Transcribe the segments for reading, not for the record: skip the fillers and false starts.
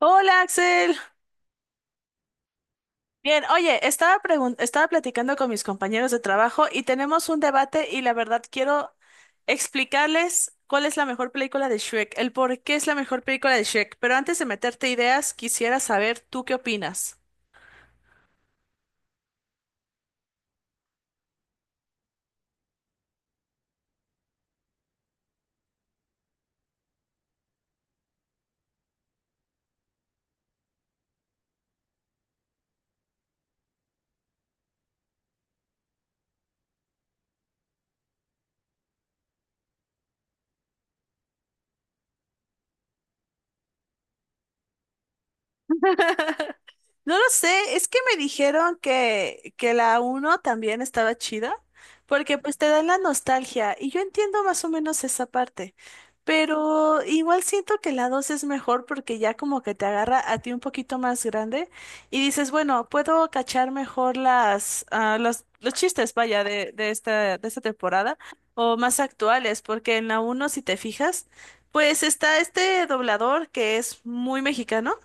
Hola Axel. Bien, oye, estaba platicando con mis compañeros de trabajo y tenemos un debate y la verdad quiero explicarles cuál es la mejor película de Shrek, el por qué es la mejor película de Shrek, pero antes de meterte ideas, quisiera saber tú qué opinas. No lo sé, es que me dijeron que la uno también estaba chida, porque pues te dan la nostalgia y yo entiendo más o menos esa parte, pero igual siento que la 2 es mejor porque ya como que te agarra a ti un poquito más grande y dices, bueno, puedo cachar mejor las, los chistes, vaya, de esta temporada o más actuales, porque en la uno si te fijas, pues está este doblador que es muy mexicano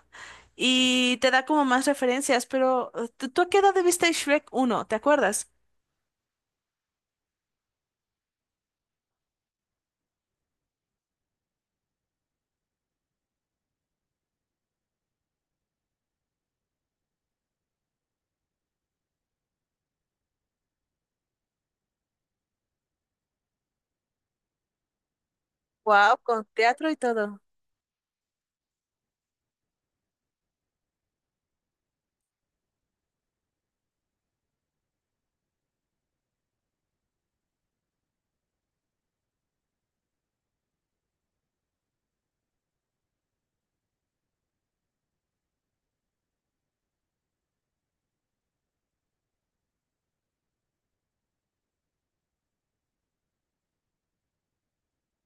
y te da como más referencias, pero ¿tú a qué edad viste Shrek uno? ¿Te acuerdas? Wow, con teatro y todo.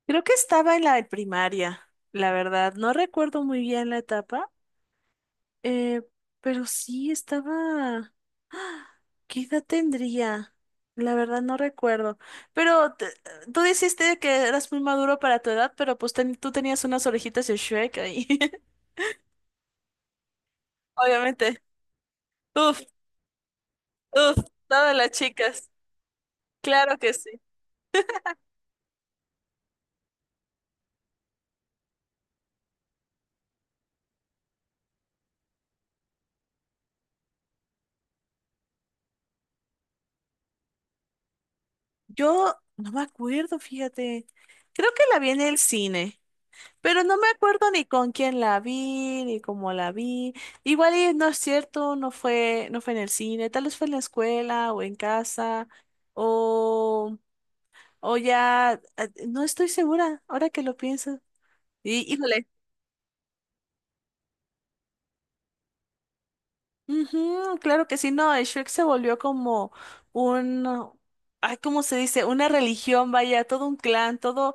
Creo que estaba en la primaria, la verdad. No recuerdo muy bien la etapa, eh, pero sí estaba. ¿Qué edad tendría? La verdad no recuerdo. Pero te- tú dijiste que eras muy maduro para tu edad, pero tú tenías unas orejitas de Shrek ahí. Obviamente. Uf, uf, todas las chicas. Claro que sí. Yo no me acuerdo, fíjate. Creo que la vi en el cine, pero no me acuerdo ni con quién la vi, ni cómo la vi. Igual y no es cierto, no fue en el cine, tal vez fue en la escuela o en casa, o, o ya, no estoy segura, ahora que lo pienso. Y, híjole. Ujú, claro que sí, no, el Shrek se volvió como un, ay, ¿cómo se dice? Una religión, vaya, todo un clan,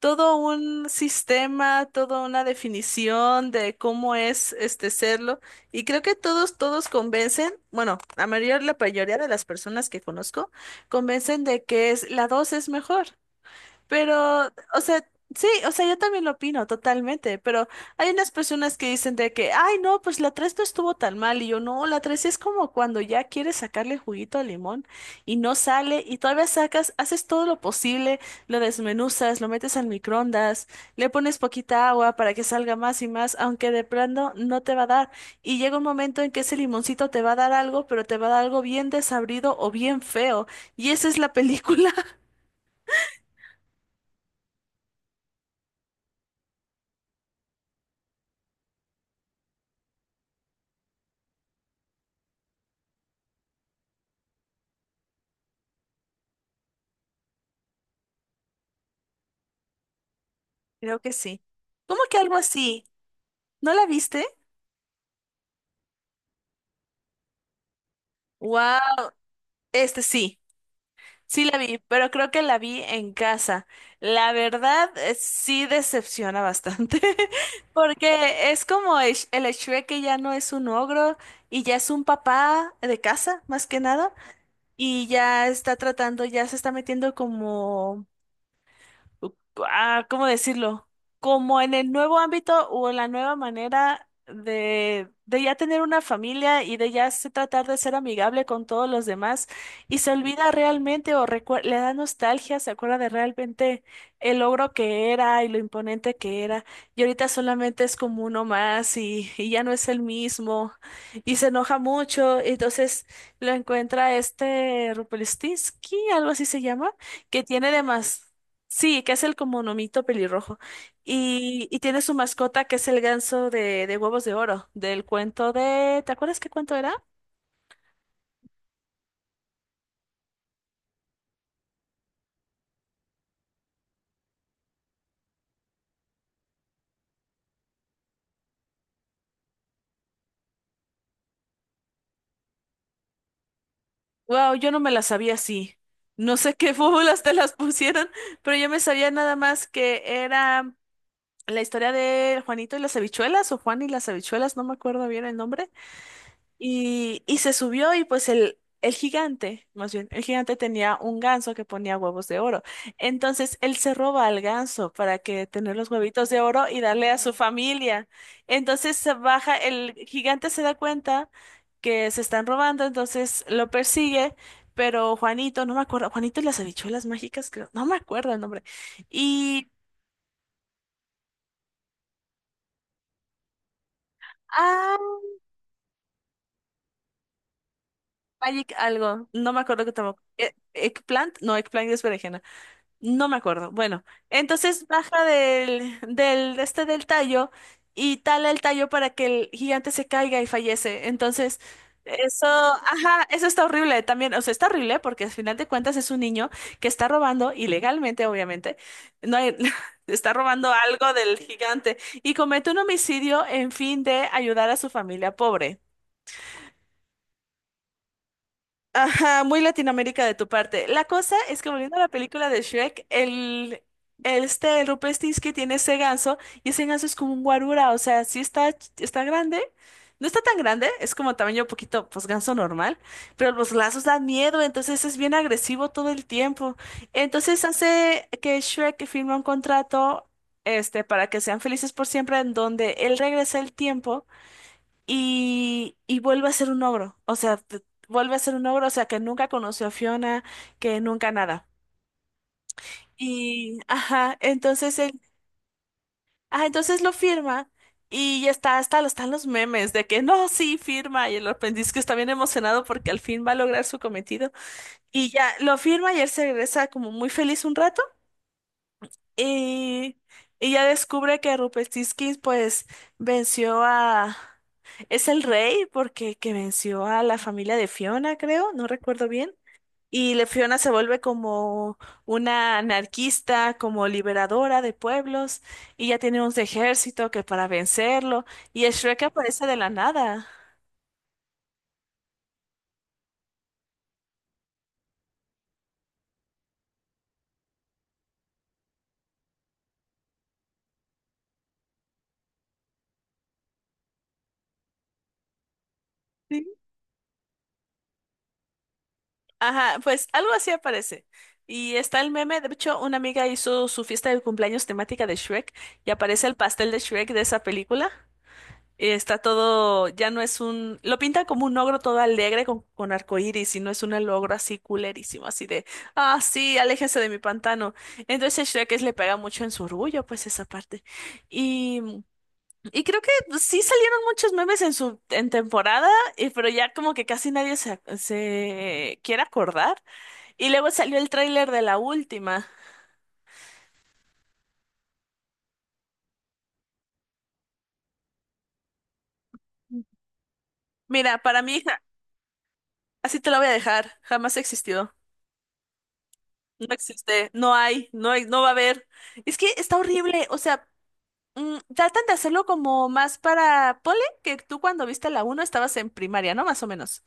todo un sistema, toda una definición de cómo es este serlo. Y creo que todos convencen, bueno, la mayoría de las personas que conozco convencen de que es, la 2 es mejor. Pero, o sea, sí, o sea, yo también lo opino totalmente, pero hay unas personas que dicen de que, ay, no, pues la 3 no estuvo tan mal, y yo, no, la 3 es como cuando ya quieres sacarle juguito al limón y no sale, y todavía sacas, haces todo lo posible, lo desmenuzas, lo metes al microondas, le pones poquita agua para que salga más y más, aunque de pronto no te va a dar, y llega un momento en que ese limoncito te va a dar algo, pero te va a dar algo bien desabrido o bien feo, y esa es la película. Creo que sí. ¿Cómo que algo así? ¿No la viste? Wow, este sí, sí la vi, pero creo que la vi en casa. La verdad, sí decepciona bastante, porque es como el, el Shrek que ya no es un ogro y ya es un papá de casa, más que nada, y ya está tratando, ya se está metiendo como ah, ¿cómo decirlo? Como en el nuevo ámbito o en la nueva manera de ya tener una familia y de ya se tratar de ser amigable con todos los demás y se olvida realmente o le da nostalgia, se acuerda de realmente el logro que era y lo imponente que era y ahorita solamente es como uno más y ya no es el mismo y se enoja mucho, entonces lo encuentra este Rupelstinsky, algo así se llama, que tiene demás. Sí, que es el como nomito pelirrojo. Y tiene su mascota que es el ganso de huevos de oro, del cuento de... ¿Te acuerdas qué cuento era? Wow, yo no me la sabía así. No sé qué fórmulas te las pusieron, pero yo me sabía nada más que era la historia de Juanito y las habichuelas o Juan y las habichuelas, no me acuerdo bien el nombre. Y se subió y pues el gigante, más bien, el gigante tenía un ganso que ponía huevos de oro. Entonces él se roba al ganso para que tener los huevitos de oro y darle a su familia. Entonces se baja, el gigante se da cuenta que se están robando, entonces lo persigue, pero Juanito, no me acuerdo, Juanito y las habichuelas mágicas, creo, no me acuerdo el nombre. Y... Ah, Magic algo, no me acuerdo que tampoco. Eggplant, no, eggplant es berenjena. No me acuerdo. Bueno, entonces baja este del tallo y tala el tallo para que el gigante se caiga y fallece. Entonces, eso, ajá, eso está horrible también. O sea, está horrible porque al final de cuentas es un niño que está robando ilegalmente, obviamente. No hay- está robando algo del gigante y comete un homicidio en fin de ayudar a su familia pobre. Ajá, muy Latinoamérica de tu parte. La cosa es que volviendo a la película de Shrek, el este, el Rupestinski tiene ese ganso y ese ganso es como un guarura, o sea, sí está, está grande. No está tan grande, es como tamaño poquito, pues ganso normal, pero los lazos dan miedo, entonces es bien agresivo todo el tiempo. Entonces hace que Shrek firme un contrato, este, para que sean felices por siempre, en donde él regresa el tiempo y vuelve a ser un ogro. O sea, vuelve a ser un ogro, o sea, que nunca conoció a Fiona, que nunca nada. Y, ajá, entonces él, ah, entonces lo firma y ya está, están los memes de que no, sí, firma. Y el aprendiz que está bien emocionado porque al fin va a lograr su cometido. Y ya lo firma y él se regresa como muy feliz un rato. Y ella descubre que Rupestisky pues venció a... Es el rey porque que venció a la familia de Fiona, creo, no recuerdo bien. Y Fiona se vuelve como una anarquista, como liberadora de pueblos, y ya tiene un ejército que para vencerlo, y Shrek aparece de la nada. Ajá, pues algo así aparece. Y está el meme, de hecho, una amiga hizo su fiesta de cumpleaños temática de Shrek y aparece el pastel de Shrek de esa película. Y está todo, ya no es un, lo pintan como un ogro todo alegre con arcoíris y no es un ogro así culerísimo, así de, ah, sí, aléjense de mi pantano. Entonces le pega mucho en su orgullo, pues esa parte. Y, y creo que pues, sí salieron muchos memes en su, en temporada, pero ya como que casi nadie se quiere acordar. Y luego salió el tráiler de la última. Mira, para mí, así te la voy a dejar. Jamás existió. No existe. No hay. No hay. No va a haber. Es que está horrible. O sea, tratan de hacerlo como más para... Ponle que tú cuando viste la uno estabas en primaria, ¿no? Más o menos.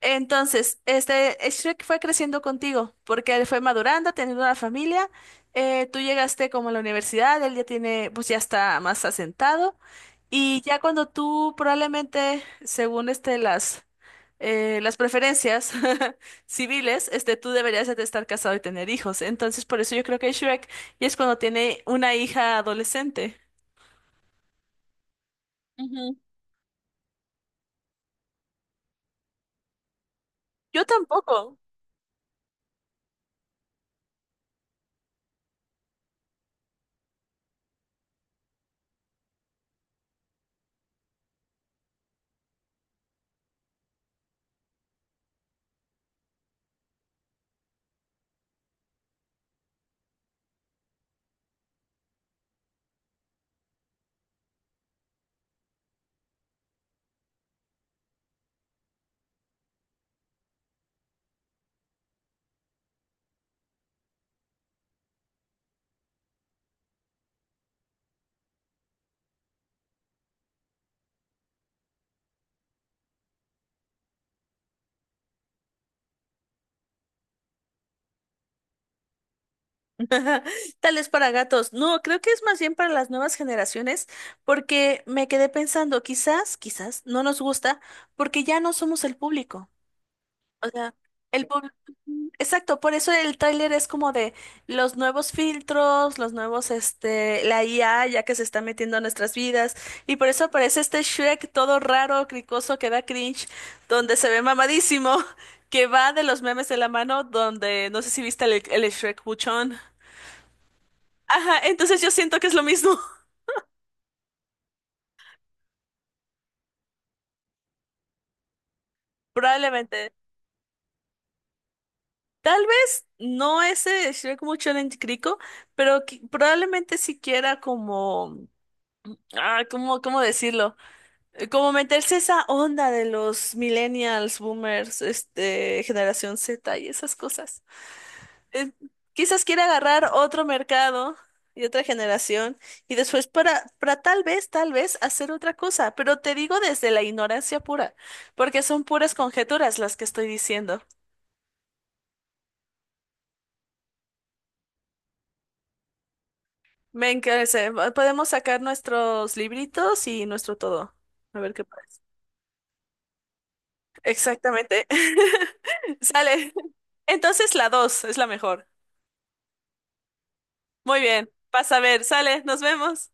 Entonces, este, Shrek fue creciendo contigo, porque él fue madurando, teniendo una familia. Tú llegaste como a la universidad, él ya tiene, pues ya está más asentado. Y ya cuando tú probablemente, según este, las preferencias civiles, este, tú deberías de estar casado y tener hijos. Entonces, por eso yo creo que Shrek y es cuando tiene una hija adolescente. Ujú. Yo tampoco. Tal es para gatos. No, creo que es más bien para las nuevas generaciones, porque me quedé pensando, quizás no nos gusta, porque ya no somos el público. O sea, el público. Exacto, por eso el tráiler es como de los nuevos filtros, los nuevos, este, la IA ya que se está metiendo a nuestras vidas, y por eso aparece este Shrek todo raro, cricoso, que da cringe, donde se ve mamadísimo, que va de los memes de la mano, donde no sé si viste el Shrek buchón. Ajá, entonces yo siento que es lo mismo, probablemente. Tal vez no ese Shrek mucho en Crico, pero probablemente siquiera como, ah, ¿cómo, cómo decirlo? Como meterse esa onda de los millennials, boomers, este, generación Z y esas cosas. eh, Quizás quiera agarrar otro mercado y otra generación y después para, tal vez hacer otra cosa, pero te digo desde la ignorancia pura, porque son puras conjeturas las que estoy diciendo. Me encarece, podemos sacar nuestros libritos y nuestro todo. A ver qué pasa. Exactamente. Sale. Entonces la dos es la mejor. Muy bien. Pasa a ver. Sale. Nos vemos.